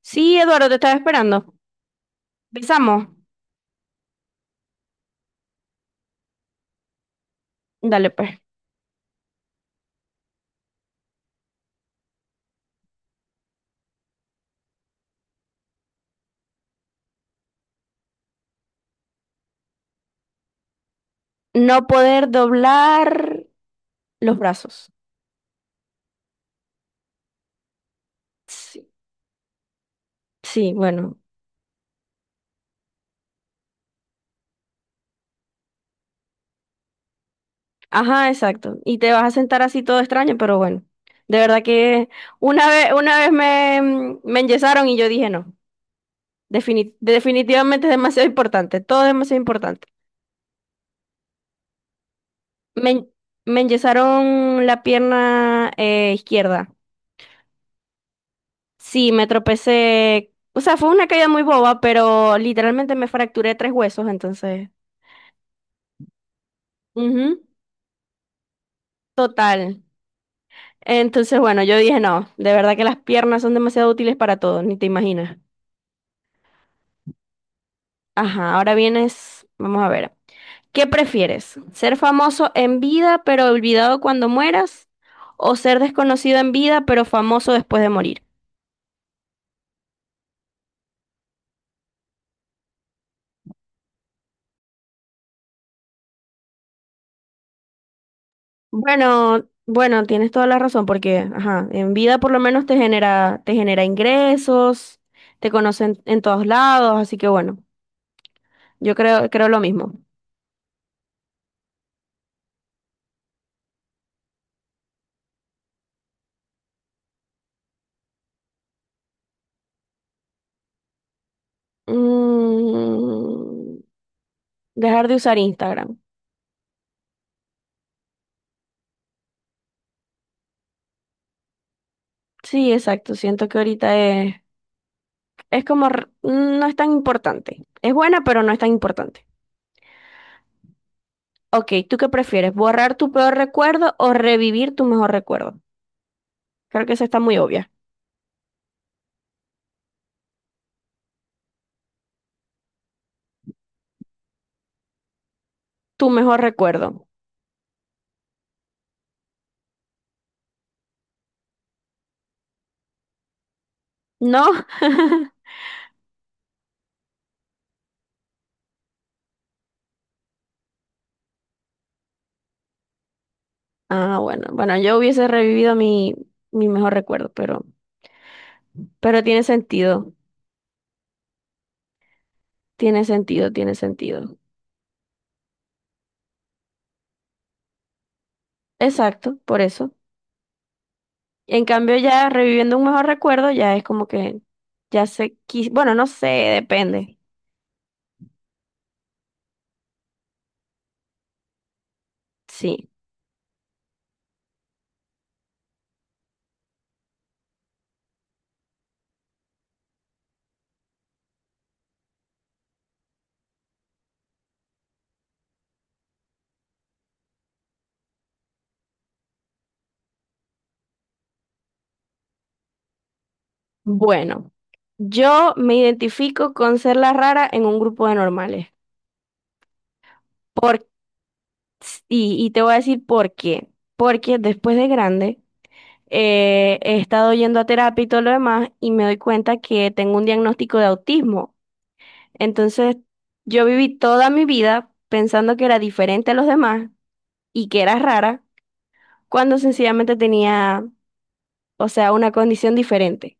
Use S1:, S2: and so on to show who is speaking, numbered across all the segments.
S1: Sí, Eduardo, te estaba esperando. Empezamos. Dale, pues. No poder doblar los brazos. Sí, sí, bueno. Ajá, exacto. Y te vas a sentar así todo extraño, pero bueno. De verdad que una vez, una vez me enyesaron y yo dije no. Definitivamente es demasiado importante. Todo es demasiado importante. Me, en- me enyesaron la pierna izquierda. Sí, me tropecé. O sea, fue una caída muy boba, pero literalmente me fracturé tres huesos, entonces. Ujú. Total. Entonces, bueno, yo dije, no, de verdad que las piernas son demasiado útiles para todo, ni te imaginas. Ajá, ahora vienes, vamos a ver. ¿Qué prefieres? ¿Ser famoso en vida pero olvidado cuando mueras? ¿O ser desconocido en vida pero famoso después de morir? Bueno, bueno, tienes toda la razón porque, ajá, en vida por lo menos te genera ingresos, te conocen en todos lados, así que bueno, yo creo lo mismo. Mm. Dejar de usar Instagram. Sí, exacto. Siento que ahorita es como, no es tan importante. Es buena, pero no es tan importante. Ok, ¿tú qué prefieres? ¿Borrar tu peor recuerdo o revivir tu mejor recuerdo? Creo que esa está muy obvia. Tu mejor recuerdo. No. Ah, bueno. Bueno, yo hubiese revivido mi mejor recuerdo, pero tiene sentido. Tiene sentido, tiene sentido. Exacto, por eso. En cambio, ya reviviendo un mejor recuerdo, ya es como que ya sé, bueno, no sé, depende. Sí. Bueno, yo me identifico con ser la rara en un grupo de normales. Por, y te voy a decir por qué. Porque después de grande he estado yendo a terapia y todo lo demás y me doy cuenta que tengo un diagnóstico de autismo. Entonces, yo viví toda mi vida pensando que era diferente a los demás y que era rara, cuando sencillamente tenía, o sea, una condición diferente.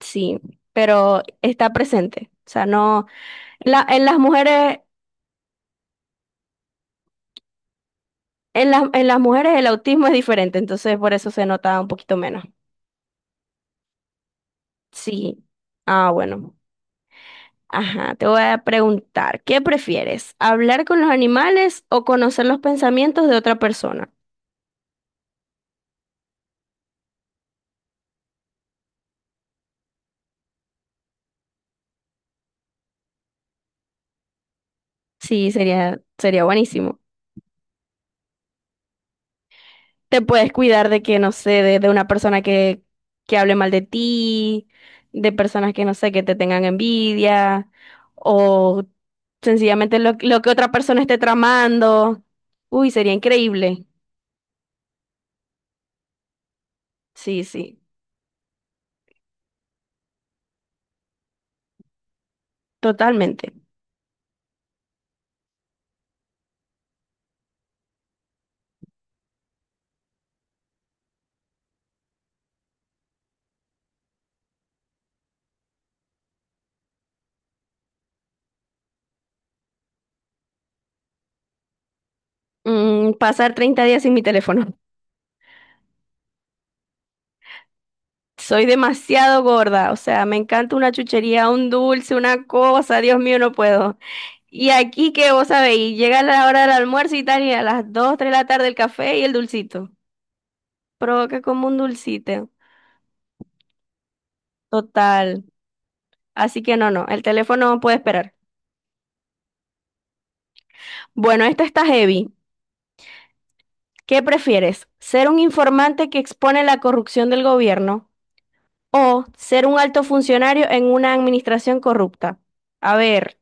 S1: Sí, pero está presente. O sea, no, en las mujeres, en las mujeres el autismo es diferente, entonces por eso se nota un poquito menos. Sí. Ah, bueno. Ajá, te voy a preguntar, ¿qué prefieres? ¿Hablar con los animales o conocer los pensamientos de otra persona? Sí, sería buenísimo. Te puedes cuidar de que, no sé, de una persona que hable mal de ti, de personas que, no sé, que te tengan envidia, o sencillamente lo que otra persona esté tramando. Uy, sería increíble. Sí, sí, totalmente. Mm, pasar 30 días sin mi teléfono. Soy demasiado gorda, o sea, me encanta una chuchería, un dulce, una cosa, Dios mío, no puedo. Y aquí que vos sabéis, llega la hora del almuerzo y tal, y a las 2, 3 de la tarde el café y el dulcito. Provoca como un dulcito. Total. Así que no, no, el teléfono no puede esperar. Bueno, esta está heavy. ¿Qué prefieres? ¿Ser un informante que expone la corrupción del gobierno o ser un alto funcionario en una administración corrupta? A ver.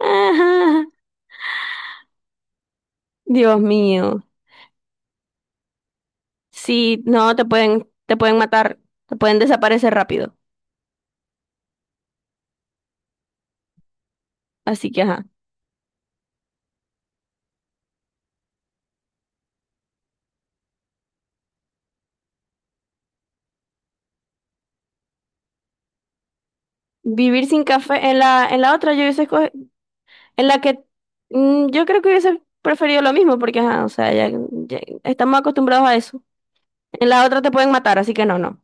S1: Ajá. Dios mío. Sí, no, te pueden matar, te pueden desaparecer rápido. Así que, ajá. Vivir sin café en la otra, yo hubiese en la que mm, yo creo que hubiese preferido lo mismo, porque, ajá, o sea, ya, ya estamos acostumbrados a eso. En la otra te pueden matar, así que no, no.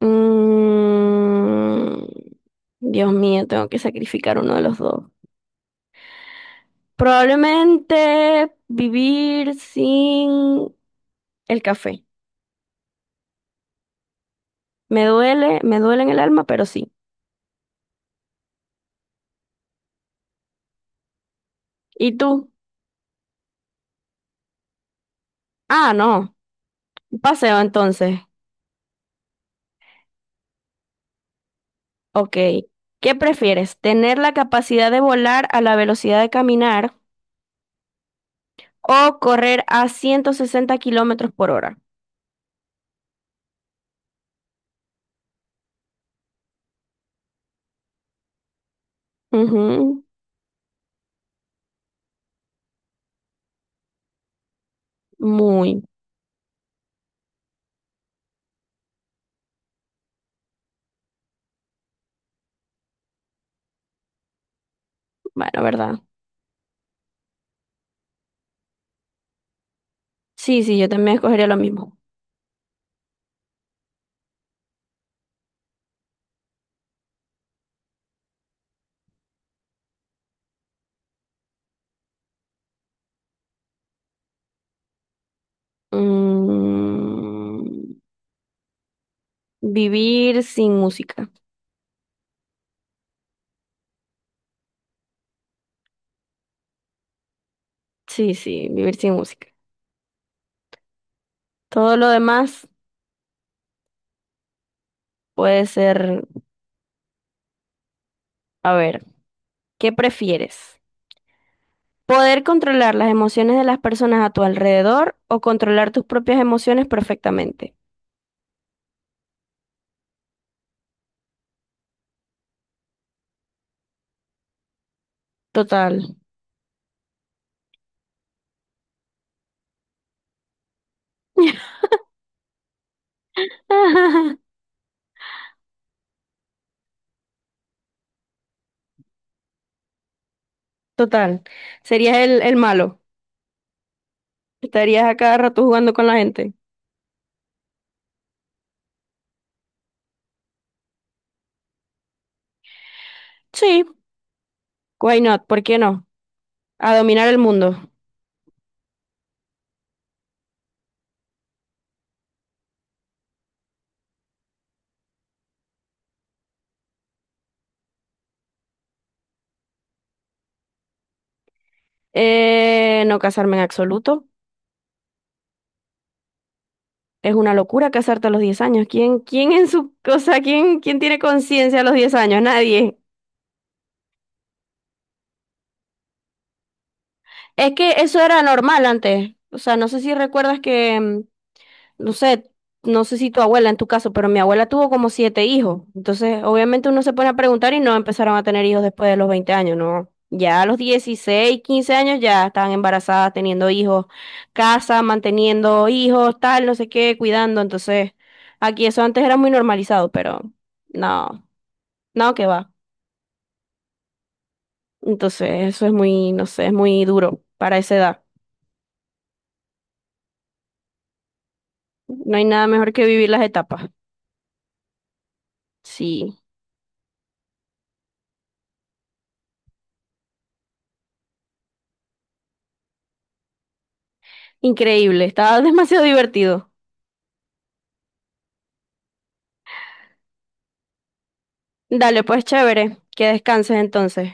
S1: Mm, Dios mío, tengo que sacrificar uno de los dos. Probablemente vivir sin el café. Me duele en el alma, pero sí. ¿Y tú? Ah, no. Un Paseo entonces. Ok. ¿Qué prefieres? ¿Tener la capacidad de volar a la velocidad de caminar, o correr a 160 kilómetros por hora? Ujú. Muy bueno, ¿verdad? Sí, sí, yo también escogería lo mismo. Mm, vivir sin música. Sí, sí, vivir sin música. Todo lo demás puede ser, a ver, ¿qué prefieres? ¿Poder controlar las emociones de las personas a tu alrededor o controlar tus propias emociones perfectamente? Total. Total. Serías el malo. Estarías a cada rato jugando con la gente. Sí, why not? ¿Por qué no? A dominar el mundo. No casarme en absoluto. Es una locura casarte a los 10 años. ¿Quién, quién en su cosa, quién, quién tiene conciencia a los 10 años? Nadie. Es que eso era normal antes. O sea, no sé si recuerdas que no sé, no sé si tu abuela en tu caso, pero mi abuela tuvo como 7 hijos. Entonces, obviamente uno se pone a preguntar y no empezaron a tener hijos después de los 20 años, ¿no? Ya a los 16, 15 años ya estaban embarazadas, teniendo hijos, casa, manteniendo hijos, tal, no sé qué, cuidando. Entonces, aquí eso antes era muy normalizado, pero no, no que va. Entonces, eso es muy, no sé, es muy duro para esa edad. No hay nada mejor que vivir las etapas. Sí, increíble, estaba demasiado divertido. Dale, pues chévere, que descanses entonces.